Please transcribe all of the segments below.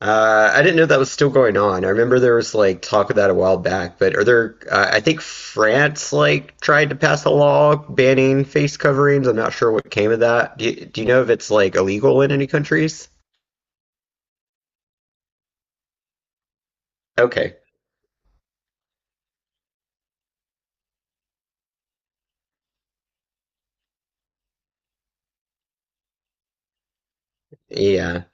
I didn't know that was still going on. I remember there was like talk of that a while back, but are there, I think France like tried to pass a law banning face coverings. I'm not sure what came of that. Do you know if it's like illegal in any countries? Okay. Yeah.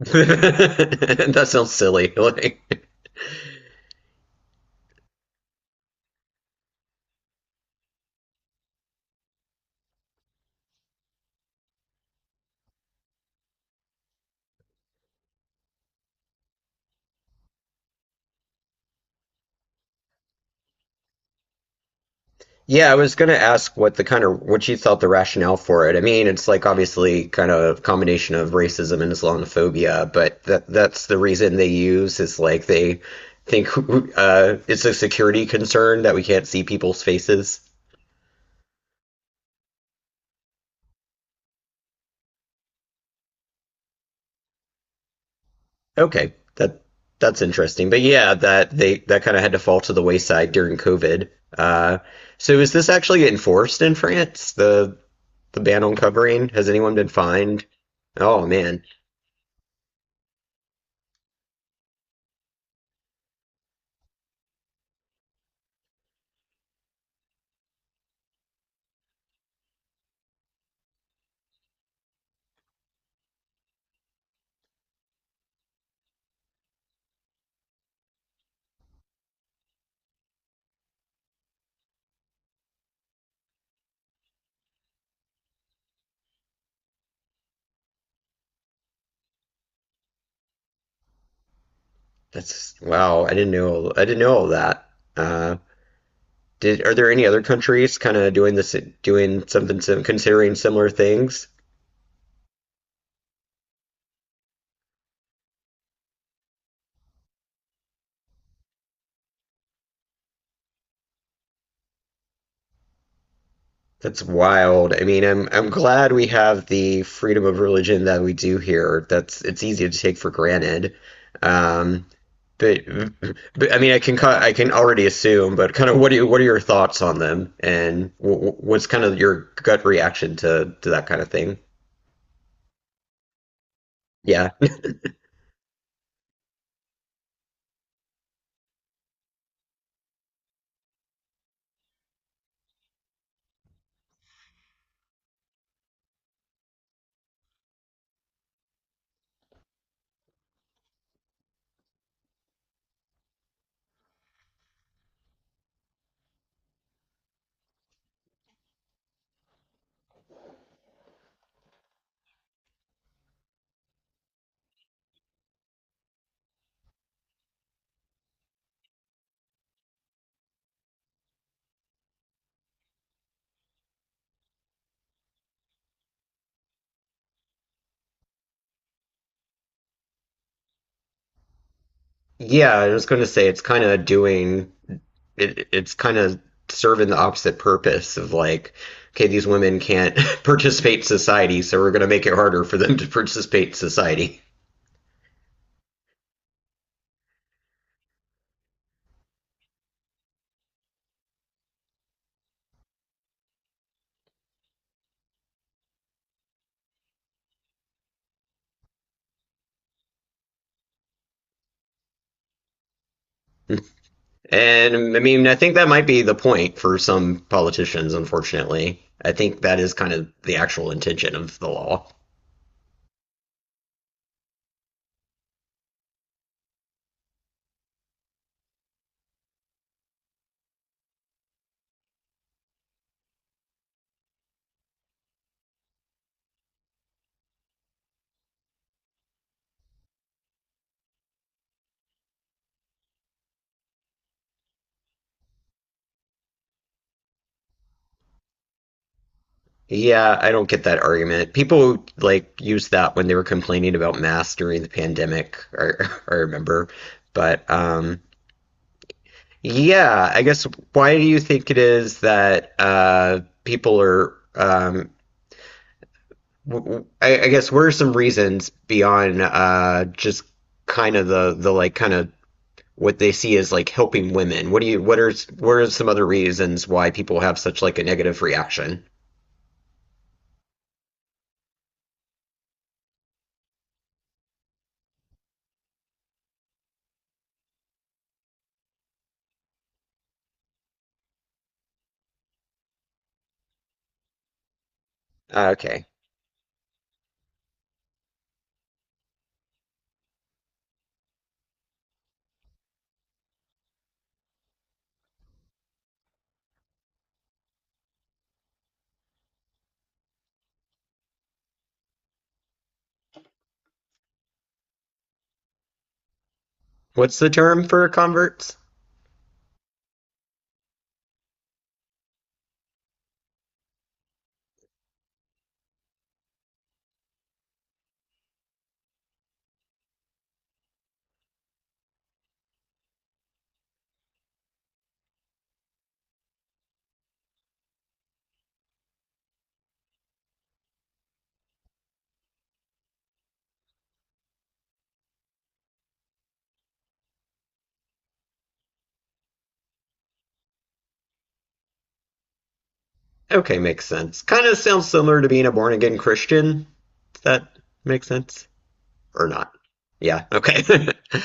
That sounds silly. Like, yeah, I was gonna ask what the kind of what you thought the rationale for it. I mean, it's like obviously kind of a combination of racism and Islamophobia, but that's the reason they use is like they think it's a security concern that we can't see people's faces. Okay, that's interesting. But yeah, that they that kind of had to fall to the wayside during COVID. Uh, so is this actually enforced in France? The ban on covering? Has anyone been fined? Oh man. That's wow. I didn't know. I didn't know all that. Uh, did are there any other countries kind of doing this, doing something sim considering similar things? That's wild. I mean, I'm glad we have the freedom of religion that we do here. That's it's easy to take for granted. Um, But, but I mean, I can already assume, but kind of what are your thoughts on them, and what's kind of your gut reaction to that kind of thing? Yeah, yeah, I was going to say it's kind of doing it. It's kind of serving the opposite purpose of like, okay, these women can't participate in society, so we're going to make it harder for them to participate in society. And I mean, I think that might be the point for some politicians, unfortunately. I think that is kind of the actual intention of the law. Yeah, I don't get that argument. People like used that when they were complaining about masks during the pandemic, I remember. But yeah, I guess why do you think it is that people are w- w- I guess what are some reasons beyond just kind of the like kind of what they see as like helping women? What do you what are s- what are some other reasons why people have such like a negative reaction? Okay. What's the term for converts? Okay, makes sense. Kind of sounds similar to being a born again Christian. Does that make sense? Or not? Yeah, okay.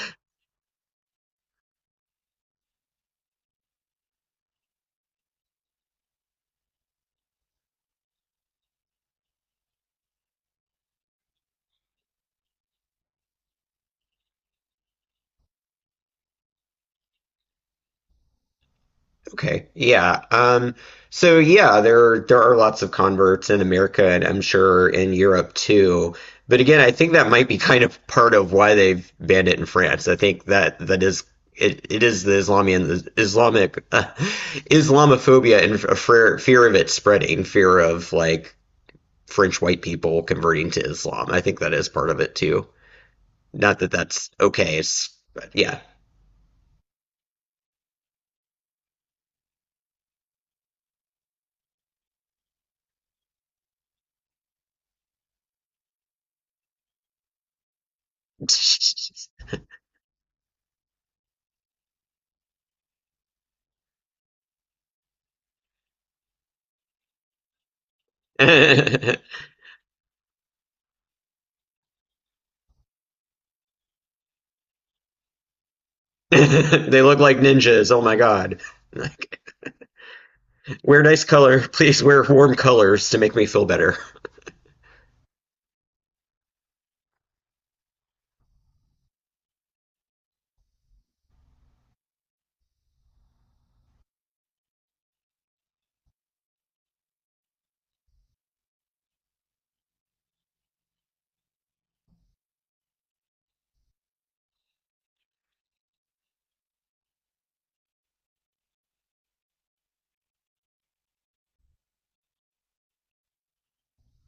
Okay. Yeah. So yeah, there are lots of converts in America and I'm sure in Europe too. But again, I think that might be kind of part of why they've banned it in France. I think that that is it is the Islamian Islamic Islamophobia and a fear of it spreading, fear of like French white people converting to Islam. I think that is part of it too. Not that that's okay, it's, but yeah. They look like ninjas. Oh my god. Like, wear nice color. Please wear warm colors to make me feel better.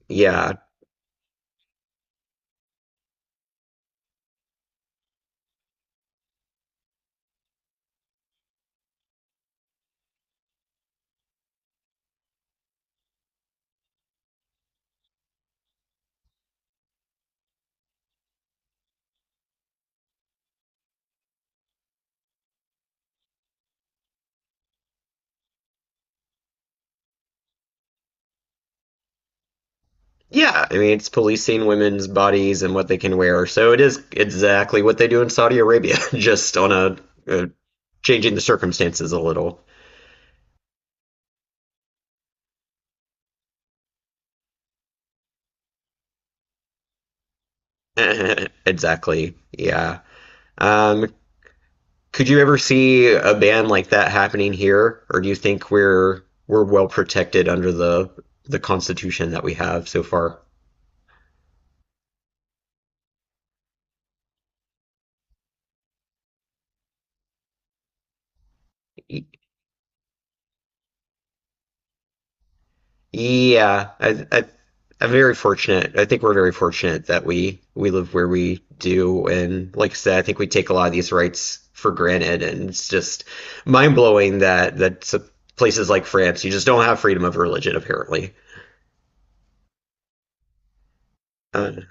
Yeah. Yeah, I mean it's policing women's bodies and what they can wear. So it is exactly what they do in Saudi Arabia, just on a changing the circumstances a little. Exactly. Yeah. Um, Could you ever see a ban like that happening here, or do you think we're well protected under the Constitution that we have so far? Y- Yeah, I I'm very fortunate. I think we're very fortunate that we live where we do, and like I said, I think we take a lot of these rights for granted, and it's just mind blowing that that s- places like France, you just don't have freedom of religion apparently. Uh,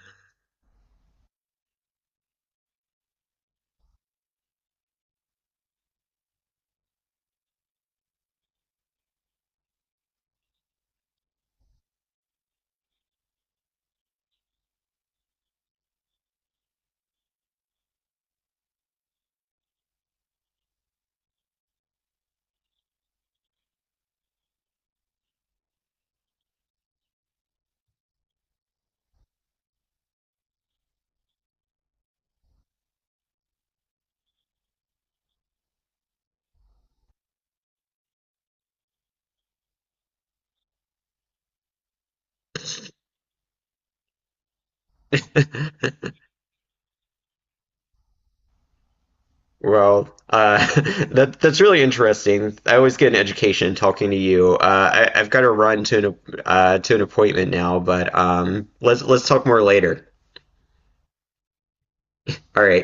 Well, that's really interesting. I always get an education talking to you. I've got to run to an appointment now, but let's talk more later. All right.